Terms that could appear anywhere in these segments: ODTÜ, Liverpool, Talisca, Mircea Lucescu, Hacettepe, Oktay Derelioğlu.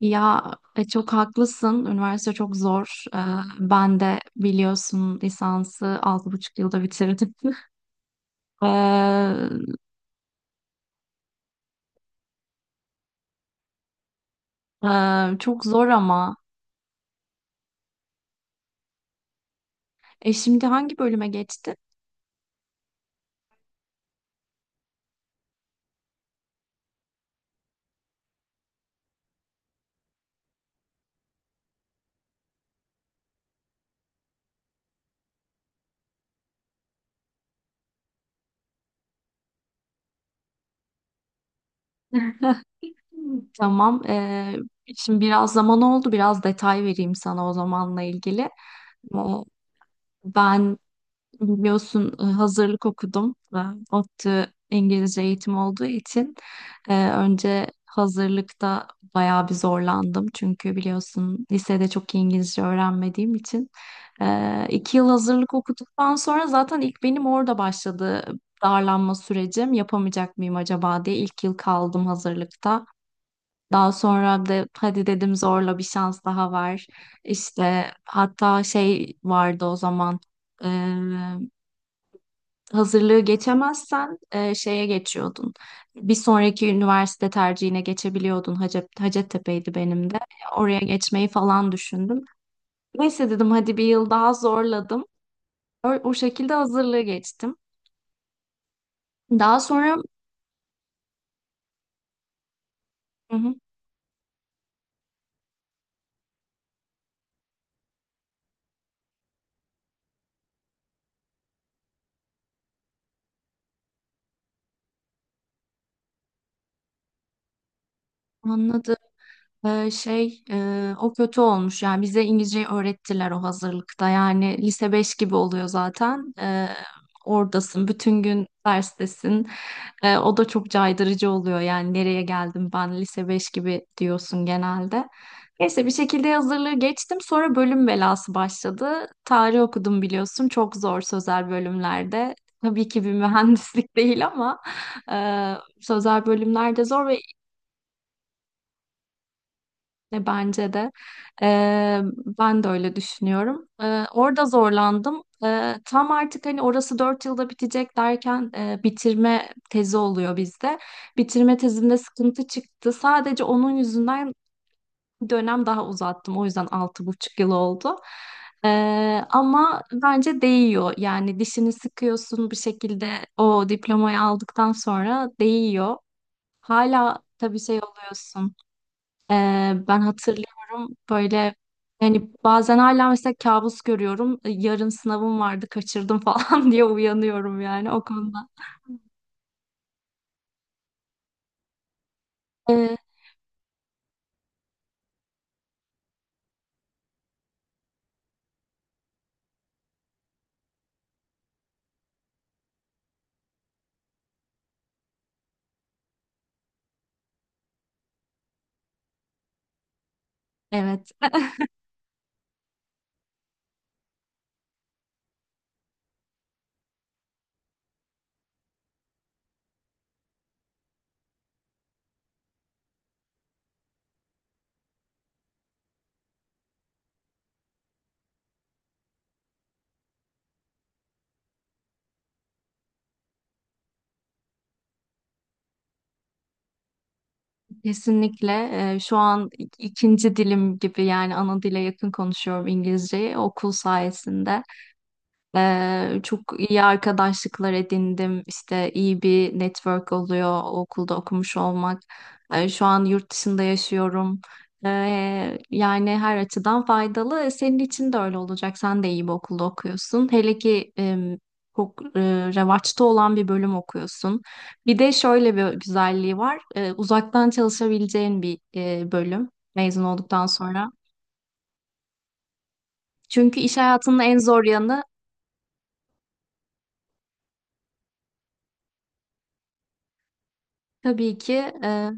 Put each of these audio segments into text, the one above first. Ya çok haklısın. Üniversite çok zor. Ben de biliyorsun lisansı altı buçuk yılda bitirdim. Ee, Çok zor ama. E şimdi hangi bölüme geçtin? Tamam. Şimdi biraz zaman oldu. Biraz detay vereyim sana o zamanla ilgili. O- Ben biliyorsun hazırlık okudum ve ODTÜ İngilizce eğitim olduğu için önce hazırlıkta bayağı bir zorlandım. Çünkü biliyorsun lisede çok iyi İngilizce öğrenmediğim için. İki yıl hazırlık okuduktan sonra zaten ilk benim orada başladı darlanma sürecim. Yapamayacak mıyım acaba diye ilk yıl kaldım hazırlıkta. Daha sonra da hadi dedim zorla bir şans daha var. İşte hatta şey vardı o zaman hazırlığı geçemezsen şeye geçiyordun. Bir sonraki üniversite tercihine geçebiliyordun. Hacep, Hacettepe'ydi benim de. Oraya geçmeyi falan düşündüm. Neyse dedim hadi bir yıl daha zorladım. O şekilde hazırlığı geçtim. Daha sonra hı hı, anladım. O kötü olmuş yani bize İngilizceyi öğrettiler o hazırlıkta yani lise 5 gibi oluyor zaten. Oradasın bütün gün derstesin. O da çok caydırıcı oluyor yani nereye geldim ben lise 5 gibi diyorsun genelde. Neyse bir şekilde hazırlığı geçtim sonra bölüm belası başladı, tarih okudum biliyorsun, çok zor sözel bölümlerde, tabii ki bir mühendislik değil ama e, sözel bölümlerde zor ve bence de. E, Ben de öyle düşünüyorum. Orada zorlandım. Tam artık hani orası 4 yılda bitecek derken bitirme tezi oluyor bizde. Bitirme tezimde sıkıntı çıktı. Sadece onun yüzünden dönem daha uzattım. O yüzden altı buçuk yıl oldu. E, Ama bence değiyor. Yani dişini sıkıyorsun bir şekilde, o diplomayı aldıktan sonra değiyor. Hala tabii şey oluyorsun. Ee, Ben hatırlıyorum böyle, yani bazen hala mesela kabus görüyorum. Yarın sınavım vardı kaçırdım falan diye uyanıyorum yani o konuda. Ee, evet, kesinlikle. Şu an ikinci dilim gibi yani ana dile yakın konuşuyorum İngilizceyi okul sayesinde. Çok iyi arkadaşlıklar edindim. İşte iyi bir network oluyor o okulda okumuş olmak. Şu an yurt dışında yaşıyorum. Yani her açıdan faydalı. Senin için de öyle olacak. Sen de iyi bir okulda okuyorsun. Hele ki çok revaçta olan bir bölüm okuyorsun. Bir de şöyle bir güzelliği var. Uzaktan çalışabileceğin bir bölüm mezun olduktan sonra. Çünkü iş hayatının en zor yanı, tabii ki, e,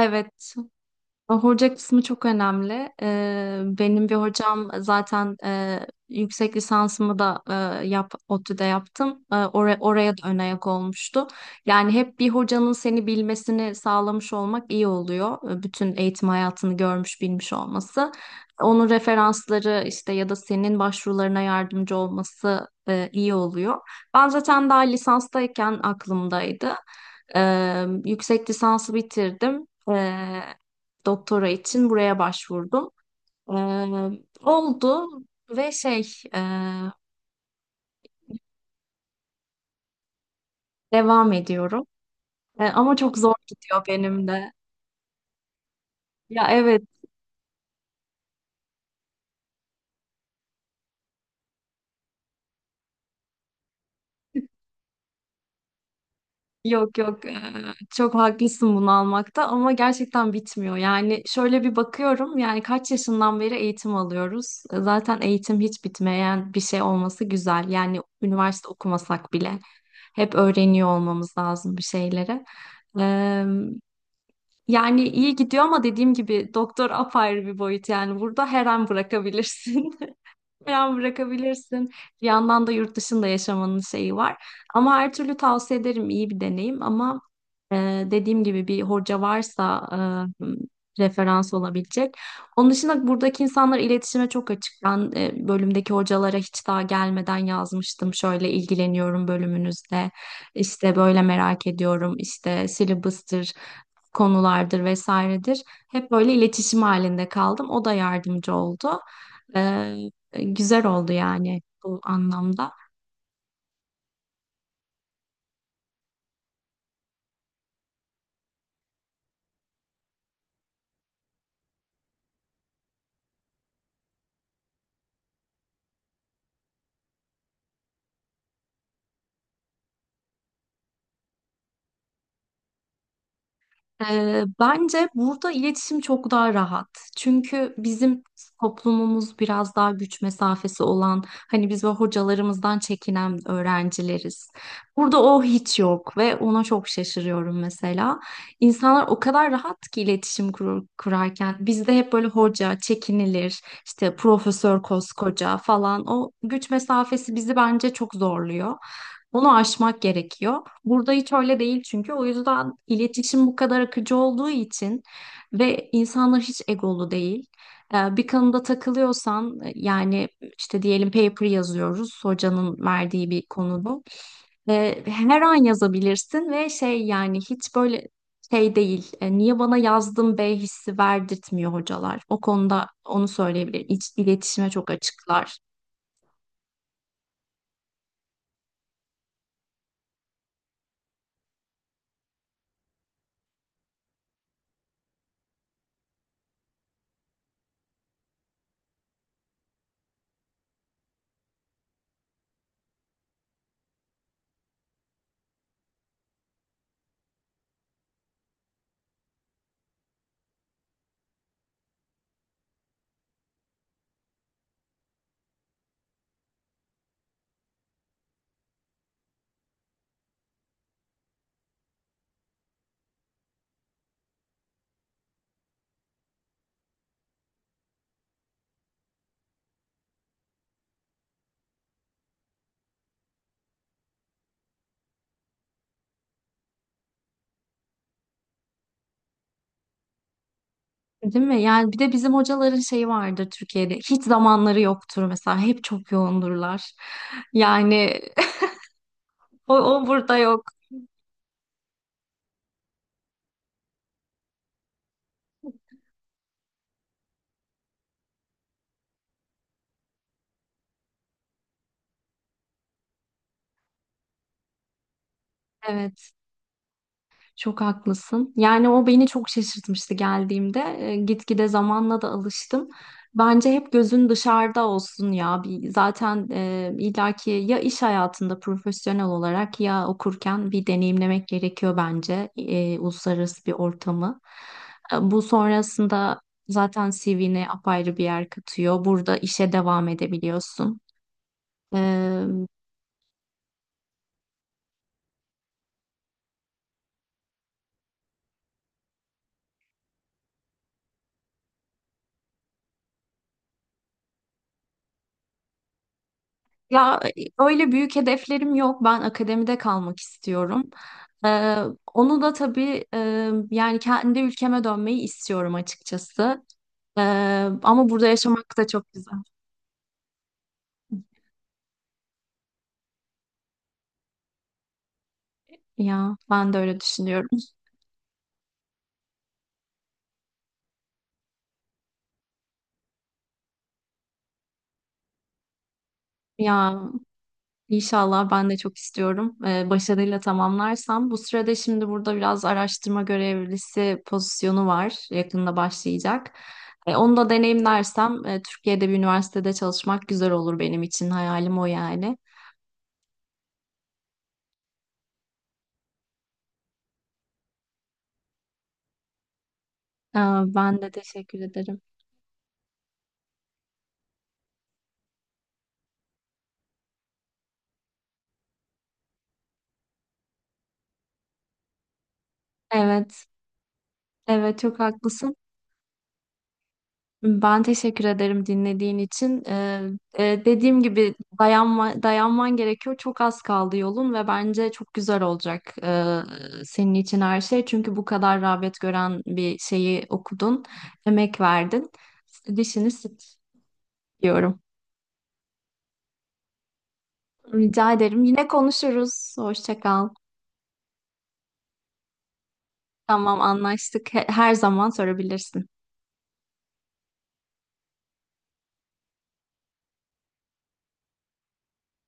evet. Hoca kısmı çok önemli. Benim bir hocam zaten, yüksek lisansımı da ODTÜ'de yaptım. E, oraya da ön ayak olmuştu. Yani hep bir hocanın seni bilmesini sağlamış olmak iyi oluyor. Bütün eğitim hayatını görmüş bilmiş olması. Onun referansları işte, ya da senin başvurularına yardımcı olması iyi oluyor. Ben zaten daha lisanstayken aklımdaydı. Yüksek lisansı bitirdim, doktora için buraya başvurdum. Ee, Oldu ve e, devam ediyorum. Ama çok zor gidiyor benim de. Ya evet, yok yok, çok haklısın bunu almakta ama gerçekten bitmiyor. Yani şöyle bir bakıyorum yani kaç yaşından beri eğitim alıyoruz. Zaten eğitim hiç bitmeyen bir şey olması güzel. Yani üniversite okumasak bile hep öğreniyor olmamız lazım bir şeyleri. Yani iyi gidiyor ama dediğim gibi doktor apayrı bir boyut yani burada her an bırakabilirsin. Falan bırakabilirsin. Bir yandan da yurt dışında yaşamanın şeyi var. Ama her türlü tavsiye ederim, iyi bir deneyim ama e, dediğim gibi bir hoca varsa e, referans olabilecek. Onun dışında buradaki insanlar iletişime çok açık. Ben bölümdeki hocalara hiç daha gelmeden yazmıştım. Şöyle ilgileniyorum bölümünüzde. İşte böyle merak ediyorum. İşte syllabus'tır, konulardır vesairedir. Hep böyle iletişim halinde kaldım. O da yardımcı oldu. Ee, Güzel oldu yani bu anlamda. Bence burada iletişim çok daha rahat. Çünkü bizim toplumumuz biraz daha güç mesafesi olan, hani biz böyle hocalarımızdan çekinen öğrencileriz. Burada o hiç yok ve ona çok şaşırıyorum mesela. İnsanlar o kadar rahat ki iletişim kurarken. Bizde hep böyle hoca çekinilir, işte profesör koskoca falan. O güç mesafesi bizi bence çok zorluyor. Onu aşmak gerekiyor. Burada hiç öyle değil çünkü. O yüzden iletişim bu kadar akıcı olduğu için ve insanlar hiç egolu değil. Bir konuda takılıyorsan yani işte diyelim paper yazıyoruz hocanın verdiği bir konuda. Ve her an yazabilirsin ve şey yani hiç böyle şey değil. Niye bana yazdın be hissi verdirtmiyor hocalar. O konuda onu söyleyebilirim. İletişime çok açıklar. Değil mi? Yani bir de bizim hocaların şeyi vardır Türkiye'de. Hiç zamanları yoktur mesela. Hep çok yoğundurlar. Yani o burada yok. Evet. Çok haklısın. Yani o beni çok şaşırtmıştı geldiğimde. E, gitgide zamanla da alıştım. Bence hep gözün dışarıda olsun ya. Bir, zaten illaki ya iş hayatında profesyonel olarak ya okurken bir deneyimlemek gerekiyor bence uluslararası bir ortamı. Bu sonrasında zaten CV'ne apayrı bir yer katıyor. Burada işe devam edebiliyorsun. Ee, Ya öyle büyük hedeflerim yok. Ben akademide kalmak istiyorum. Ee, Onu da tabii yani kendi ülkeme dönmeyi istiyorum açıkçası. Ee, Ama burada yaşamak da çok güzel. Ya ben de öyle düşünüyorum. Ya inşallah ben de çok istiyorum. Başarıyla tamamlarsam. Bu sırada şimdi burada biraz araştırma görevlisi pozisyonu var. Yakında başlayacak. Onu da deneyimlersem Türkiye'de bir üniversitede çalışmak güzel olur benim için. Hayalim o yani. Aa, ben de teşekkür ederim. Evet, evet, çok haklısın. Ben teşekkür ederim dinlediğin için. Dediğim gibi dayanman gerekiyor. Çok az kaldı yolun ve bence çok güzel olacak senin için her şey. Çünkü bu kadar rağbet gören bir şeyi okudun, emek verdin. Dişini sık diyorum. Rica ederim. Yine konuşuruz. Hoşça kal. Tamam, anlaştık. Her zaman sorabilirsin.